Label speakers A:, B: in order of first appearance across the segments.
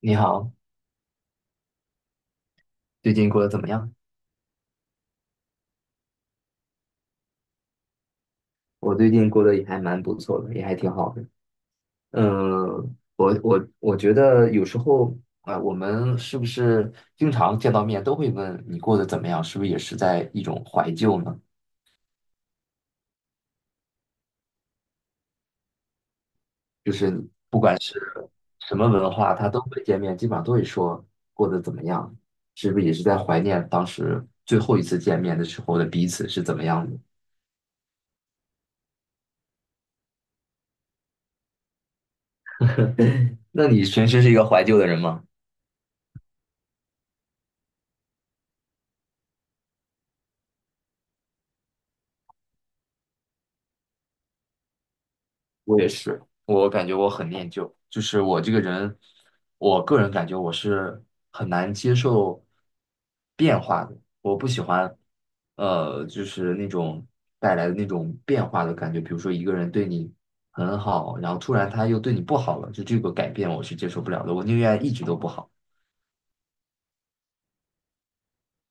A: 你好，最近过得怎么样？我最近过得也还蛮不错的，也还挺好的。我觉得有时候我们是不是经常见到面都会问你过得怎么样？是不是也是在一种怀旧呢？就是什么文化他都会见面，基本上都会说过得怎么样，是不是也是在怀念当时最后一次见面的时候的彼此是怎么样的？那你平时是一个怀旧的人吗？我也是，我感觉我很念旧，就是我这个人，我个人感觉我是很难接受变化的，我不喜欢，就是那种带来的那种变化的感觉，比如说一个人对你很好，然后突然他又对你不好了，就这个改变我是接受不了的，我宁愿一直都不好。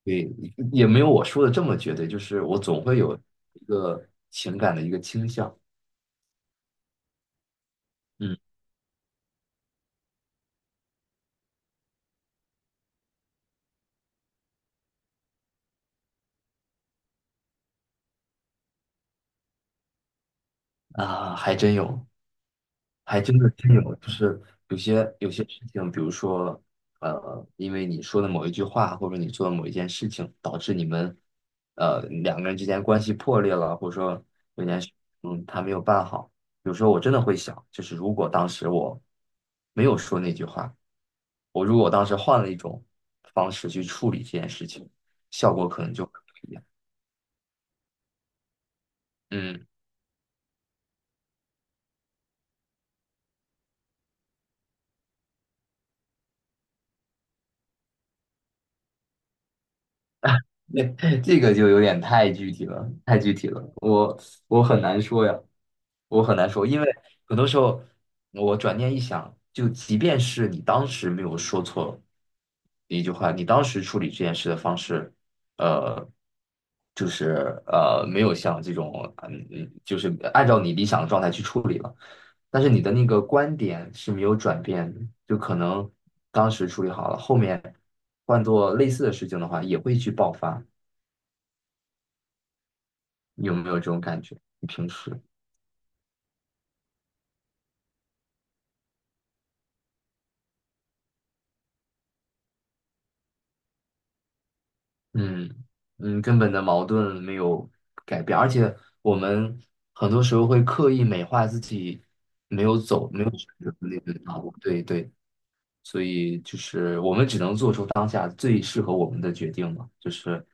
A: 对，也没有我说的这么绝对，就是我总会有一个情感的一个倾向，嗯啊，还真有。还真的真有，就是有些事情，比如说，因为你说的某一句话，或者你做的某一件事情，导致你们，两个人之间关系破裂了，或者说有件事，嗯，他没有办好。有时候我真的会想，就是如果当时我没有说那句话，我如果当时换了一种方式去处理这件事情，效果可能就会不一样。嗯 那这个就有点太具体了，太具体了，我很难说呀，我很难说，因为很多时候我转念一想，就即便是你当时没有说错一句话，你当时处理这件事的方式，呃，就是没有像这种嗯嗯，就是按照你理想的状态去处理了，但是你的那个观点是没有转变的，就可能当时处理好了，后面换做类似的事情的话，也会去爆发。你有没有这种感觉？你平时，嗯嗯，根本的矛盾没有改变，而且我们很多时候会刻意美化自己没有走、没有选择的那个道路。对对，所以就是我们只能做出当下最适合我们的决定嘛，就是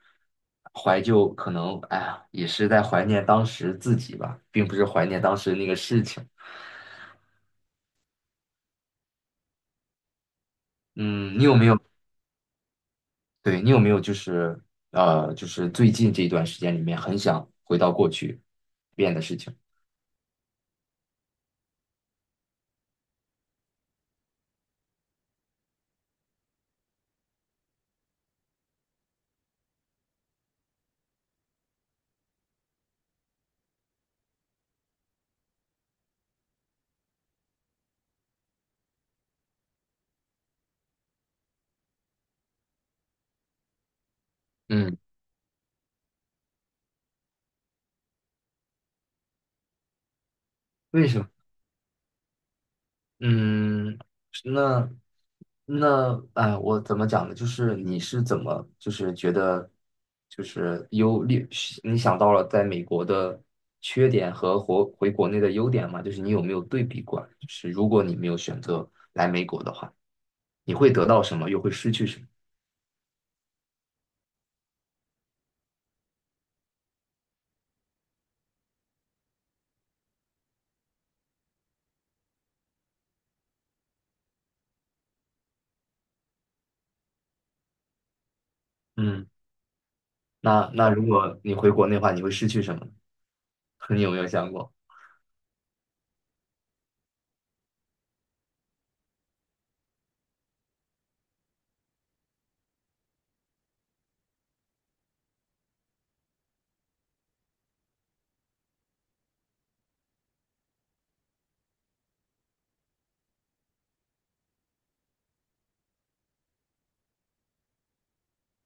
A: 怀旧，可能哎呀，也是在怀念当时自己吧，并不是怀念当时那个事情。嗯，你有没有？对，你有没有就是就是最近这一段时间里面很想回到过去变的事情？嗯，为什么？嗯，那那哎，我怎么讲呢？就是你是怎么就是觉得就是优劣，你想到了在美国的缺点和回国内的优点吗？就是你有没有对比过来？就是如果你没有选择来美国的话，你会得到什么，又会失去什么？嗯。那那如果你回国内的话，你会失去什么呢？你有没有想过？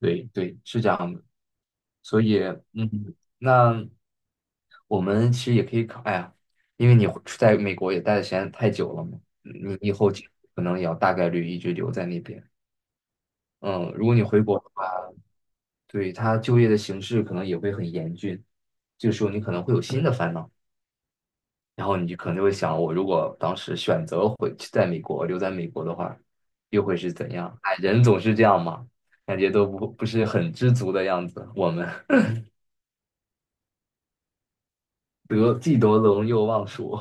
A: 对对，是这样的。所以，嗯，那我们其实也可以考，哎呀，因为你回在美国也待的时间太久了嘛，你以后可能也要大概率一直留在那边。嗯，如果你回国的话，对他就业的形势可能也会很严峻，这个时候你可能会有新的烦恼。然后你就可能会想，我如果当时选择回去在美国留在美国的话，又会是怎样？哎，人总是这样嘛，感觉都不是很知足的样子。我们 得既得陇又忘蜀，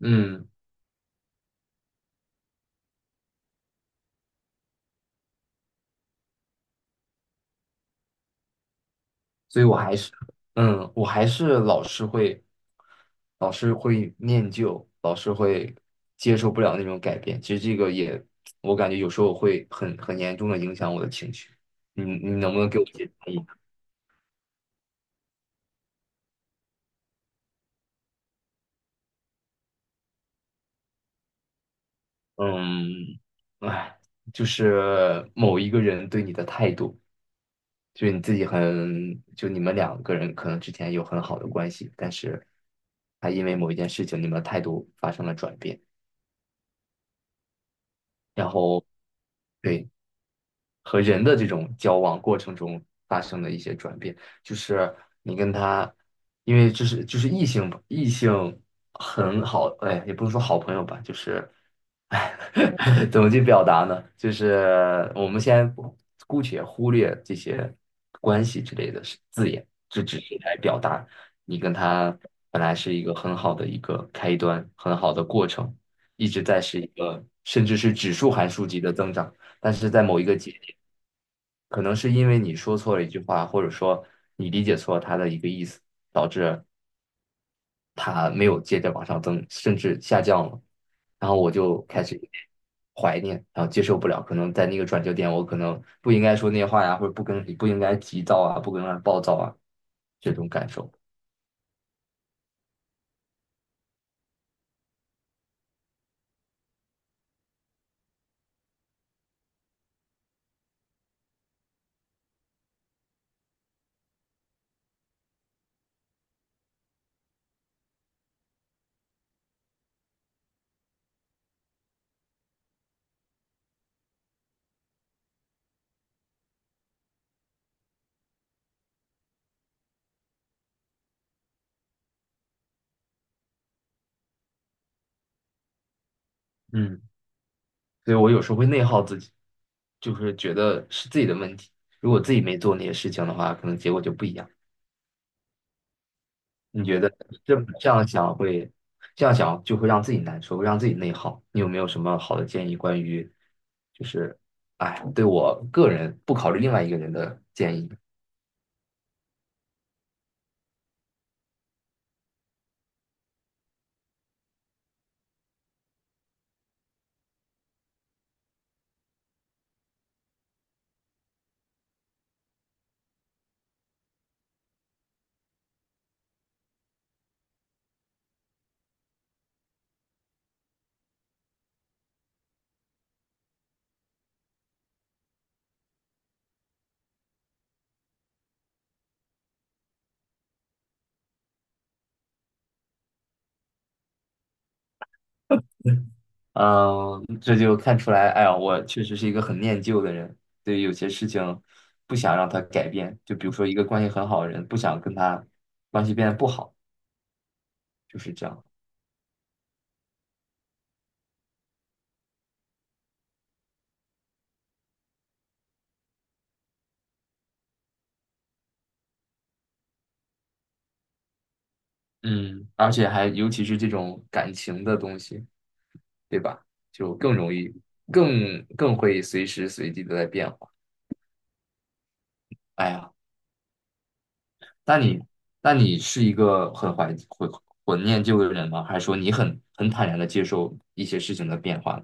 A: 嗯，所以我还是，嗯，我还是老是会，老是会念旧，老是会接受不了那种改变。其实这个也，我感觉有时候会很严重的影响我的情绪。你能不能给我一些建议？嗯，哎，就是某一个人对你的态度，就是你自己很，就你们两个人可能之前有很好的关系，但是他因为某一件事情，你们的态度发生了转变，然后对，和人的这种交往过程中发生的一些转变，就是你跟他，因为就是异性吧，异性很好，哎，也不能说好朋友吧，就是，哎，怎么去表达呢？就是我们先姑且忽略这些关系之类的是字眼，这只是来表达你跟他本来是一个很好的一个开端，很好的过程，一直在是一个甚至是指数函数级的增长。但是在某一个节点，可能是因为你说错了一句话，或者说你理解错了它的一个意思，导致它没有接着往上增，甚至下降了。然后我就开始有点怀念，然后接受不了。可能在那个转折点，我可能不应该说那些话呀，或者不应该急躁啊，不应该暴躁啊，这种感受。嗯所以我有时候会内耗自己，就是觉得是自己的问题。如果自己没做那些事情的话，可能结果就不一样。你觉得这样想会，这样想就会让自己难受，会让自己内耗。你有没有什么好的建议关于，就是，哎，对我个人不考虑另外一个人的建议？嗯，这就看出来，哎呀，我确实是一个很念旧的人，对于有些事情不想让他改变。就比如说一个关系很好的人，不想跟他关系变得不好，就是这样。嗯，而且还尤其是这种感情的东西。对吧？就更容易，更会随时随地的在变化。哎呀，那你那你是一个很怀念旧的人吗？还是说你很坦然的接受一些事情的变化，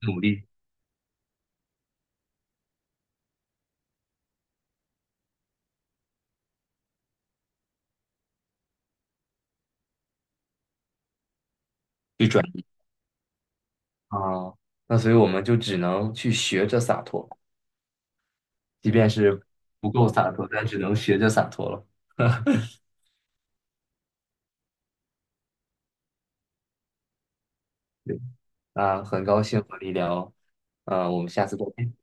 A: 努力去转啊？那所以我们就只能去学着洒脱，即便是不够洒脱，但只能学着洒脱了。对，那很高兴和你聊，呃，我们下次再见。